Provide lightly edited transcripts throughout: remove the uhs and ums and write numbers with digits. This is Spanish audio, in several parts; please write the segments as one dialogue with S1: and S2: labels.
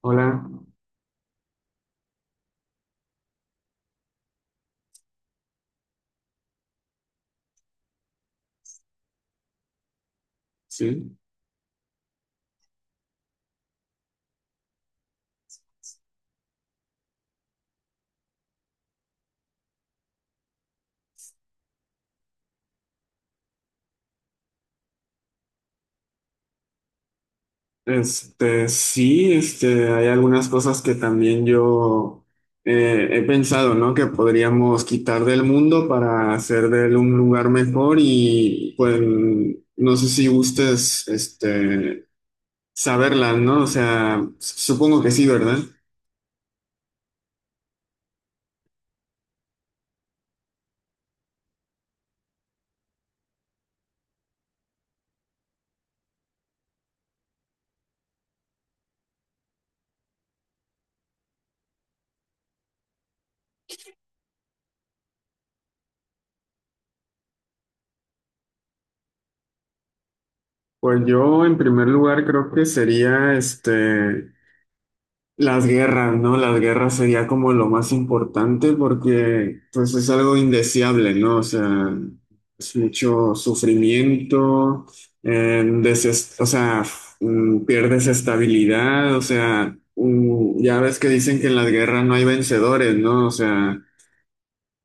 S1: Hola, sí. Sí, hay algunas cosas que también yo he pensado, ¿no? Que podríamos quitar del mundo para hacer de él un lugar mejor y pues no sé si gustes, saberlas, ¿no? O sea, supongo que sí, ¿verdad? Pues yo en primer lugar creo que sería, las guerras, ¿no? Las guerras sería como lo más importante porque pues es algo indeseable, ¿no? O sea, es mucho sufrimiento, pierdes estabilidad, o sea, ya ves que dicen que en las guerras no hay vencedores, ¿no? O sea,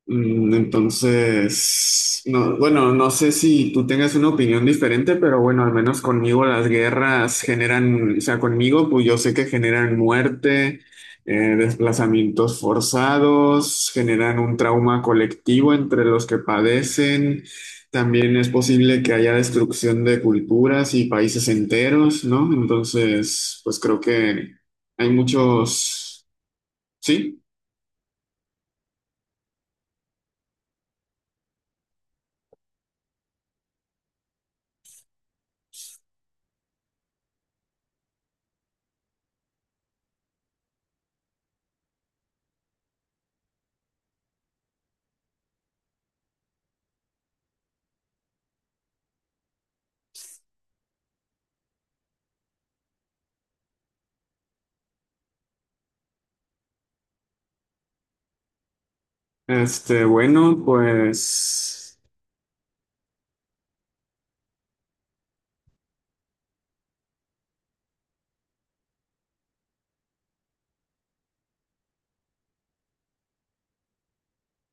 S1: Entonces, no, bueno, no sé si tú tengas una opinión diferente, pero bueno, al menos conmigo las guerras generan, o sea, conmigo, pues yo sé que generan muerte, desplazamientos forzados, generan un trauma colectivo entre los que padecen. También es posible que haya destrucción de culturas y países enteros, ¿no? Entonces, pues creo que hay muchos, sí. Bueno, pues.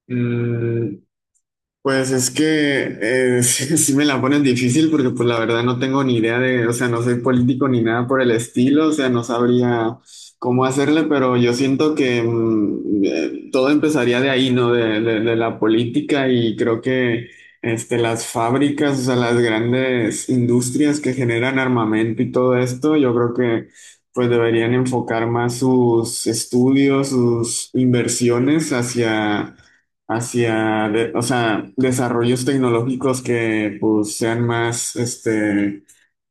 S1: Mm, Pues es que sí, sí me la ponen difícil porque pues la verdad no tengo ni idea de, o sea, no soy político ni nada por el estilo, o sea, no sabría cómo hacerle, pero yo siento que todo empezaría de ahí, ¿no? De la política y creo que las fábricas, o sea, las grandes industrias que generan armamento y todo esto, yo creo que pues deberían enfocar más sus estudios, sus inversiones hacia o sea, desarrollos tecnológicos que pues sean más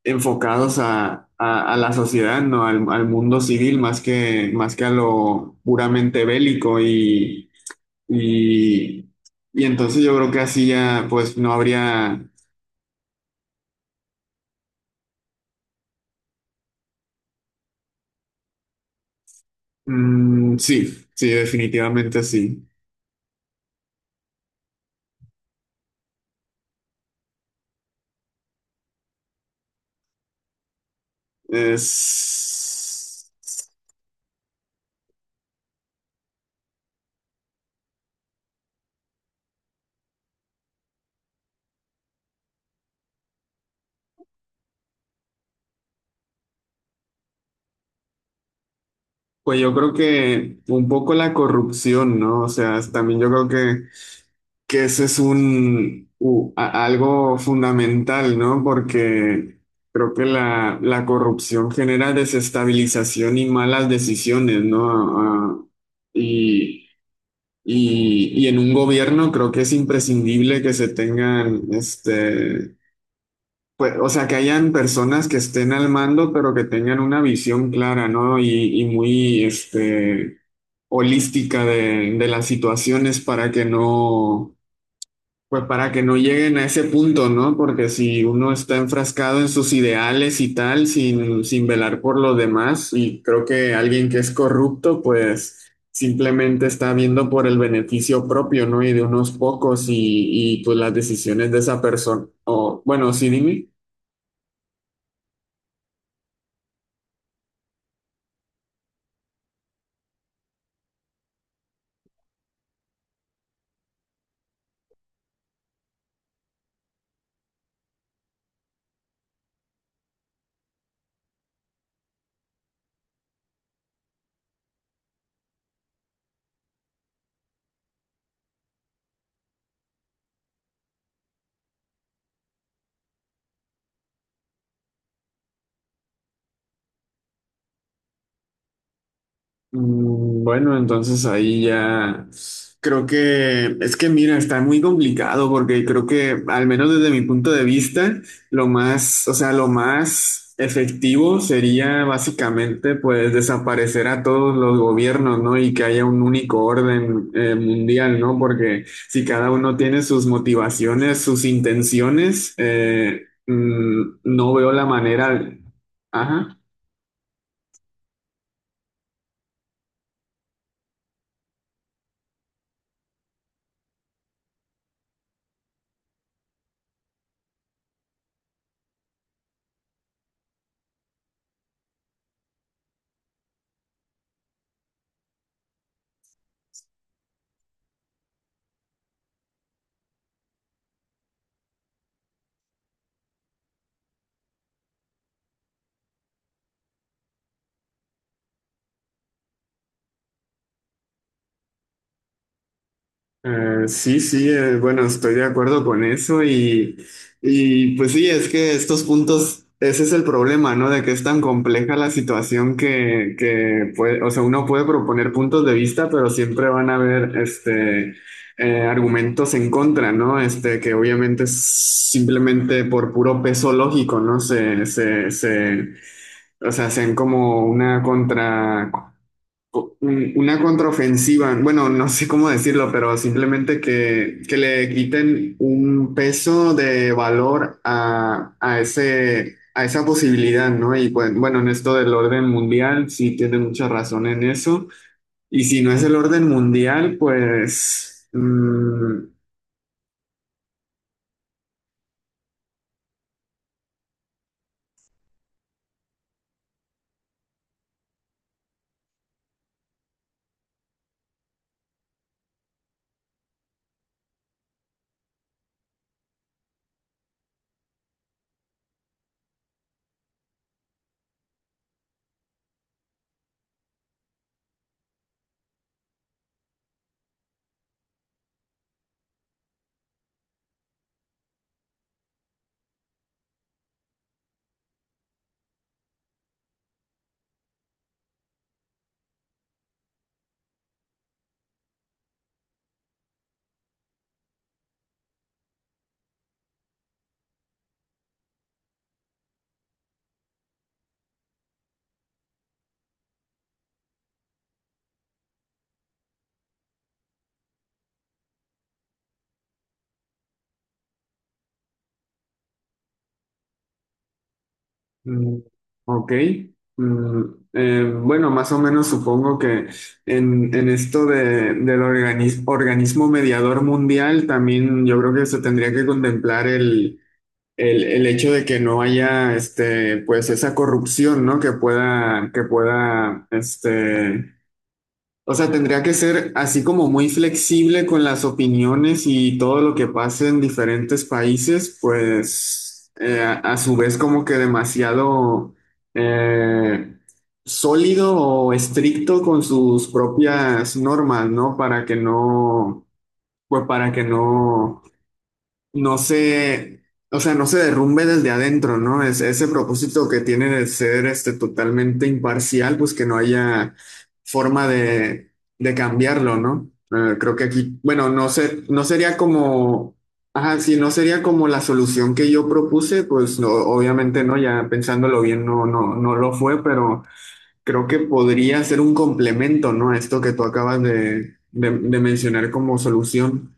S1: enfocados a, a la sociedad, ¿no? Al, al mundo civil más que a lo puramente bélico y, y entonces yo creo que así ya pues no habría, mm, sí, sí, definitivamente sí. Es, pues yo creo que un poco la corrupción, ¿no? O sea, también yo creo que ese es un algo fundamental, ¿no? Porque creo que la corrupción genera desestabilización y malas decisiones, ¿no? Y, y en un gobierno creo que es imprescindible que se tengan, pues, o sea, que hayan personas que estén al mando, pero que tengan una visión clara, ¿no? Y muy, holística de las situaciones para que no pues para que no lleguen a ese punto, ¿no? Porque si uno está enfrascado en sus ideales y tal, sin, sin velar por los demás, y creo que alguien que es corrupto, pues simplemente está viendo por el beneficio propio, ¿no? Y de unos pocos y pues las decisiones de esa persona. O bueno, sí, dime. Bueno, entonces ahí ya creo que es que mira, está muy complicado porque creo que al menos desde mi punto de vista, lo más, o sea, lo más efectivo sería básicamente pues desaparecer a todos los gobiernos, ¿no? Y que haya un único orden mundial, ¿no? Porque si cada uno tiene sus motivaciones, sus intenciones, no veo la manera. Ajá. Sí, sí, bueno, estoy de acuerdo con eso y pues sí, es que estos puntos, ese es el problema, ¿no? De que es tan compleja la situación que puede, o sea, uno puede proponer puntos de vista, pero siempre van a haber, argumentos en contra, ¿no? Que obviamente es simplemente por puro peso lógico, ¿no? Se, o sea, hacen como una contra una contraofensiva, bueno, no sé cómo decirlo, pero simplemente que le quiten un peso de valor a ese, a esa posibilidad, ¿no? Y pues, bueno, en esto del orden mundial, sí tiene mucha razón en eso. Y si no es el orden mundial, pues mm, mm, ok. Mm, bueno, más o menos supongo que en esto del organismo mediador mundial también yo creo que se tendría que contemplar el hecho de que no haya pues esa corrupción, ¿no? Que pueda, o sea, tendría que ser así como muy flexible con las opiniones y todo lo que pase en diferentes países, pues a su vez como que demasiado eh, sólido o estricto con sus propias normas, ¿no? Para que no, pues para que no no se, o sea, no se derrumbe desde adentro, ¿no? Es, ese propósito que tiene de ser totalmente imparcial, pues que no haya forma de cambiarlo, ¿no? Creo que aquí, bueno, no sé, no sería como, ajá, sí, no sería como la solución que yo propuse, pues no, obviamente no, ya pensándolo bien, no, no, no lo fue, pero creo que podría ser un complemento, ¿no? A esto que tú acabas de mencionar como solución.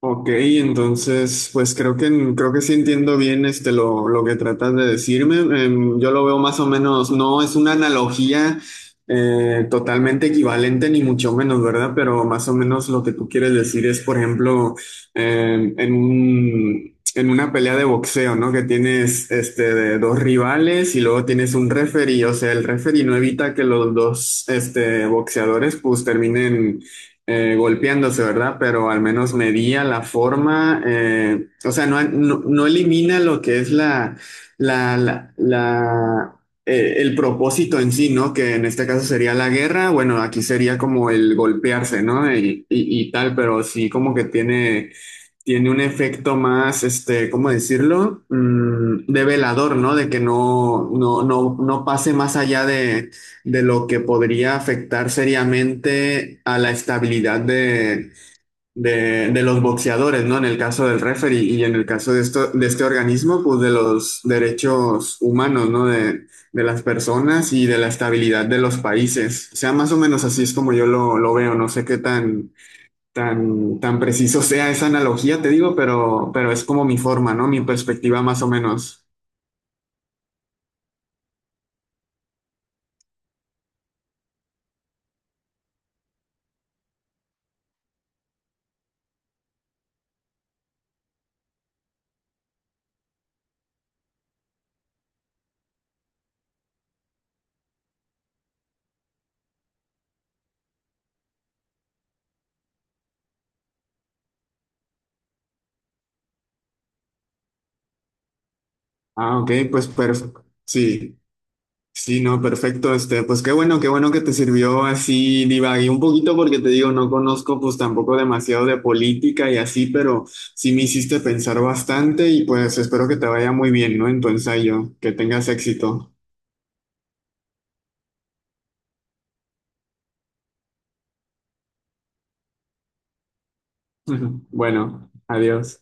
S1: Ok, entonces, pues creo que sí entiendo bien este lo que tratas de decirme. Em, yo lo veo más o menos, no es una analogía totalmente equivalente, ni mucho menos, ¿verdad? Pero más o menos lo que tú quieres decir es, por ejemplo, en un en una pelea de boxeo, ¿no? Que tienes este de dos rivales y luego tienes un referee, o sea, el referee no evita que los dos este boxeadores pues terminen golpeándose, ¿verdad? Pero al menos medía la forma, o sea, no, no, no elimina lo que es la, el propósito en sí, ¿no? Que en este caso sería la guerra, bueno, aquí sería como el golpearse, ¿no? Y tal, pero sí como que tiene tiene un efecto más, ¿cómo decirlo? De velador, ¿no? De que no, no, no, no pase más allá de lo que podría afectar seriamente a la estabilidad de los boxeadores, ¿no? En el caso del referee y en el caso de, esto, de este organismo, pues de los derechos humanos, ¿no? De las personas y de la estabilidad de los países. O sea, más o menos así es como yo lo veo. No sé qué tan tan, tan preciso sea esa analogía, te digo, pero es como mi forma, ¿no? Mi perspectiva más o menos. Ah, ok, pues perfecto. Sí, sí, no, perfecto. Pues qué bueno que te sirvió así, divagué un poquito porque te digo, no conozco pues tampoco demasiado de política y así, pero sí me hiciste pensar bastante y pues espero que te vaya muy bien, ¿no? En tu ensayo, que tengas éxito. Bueno, adiós.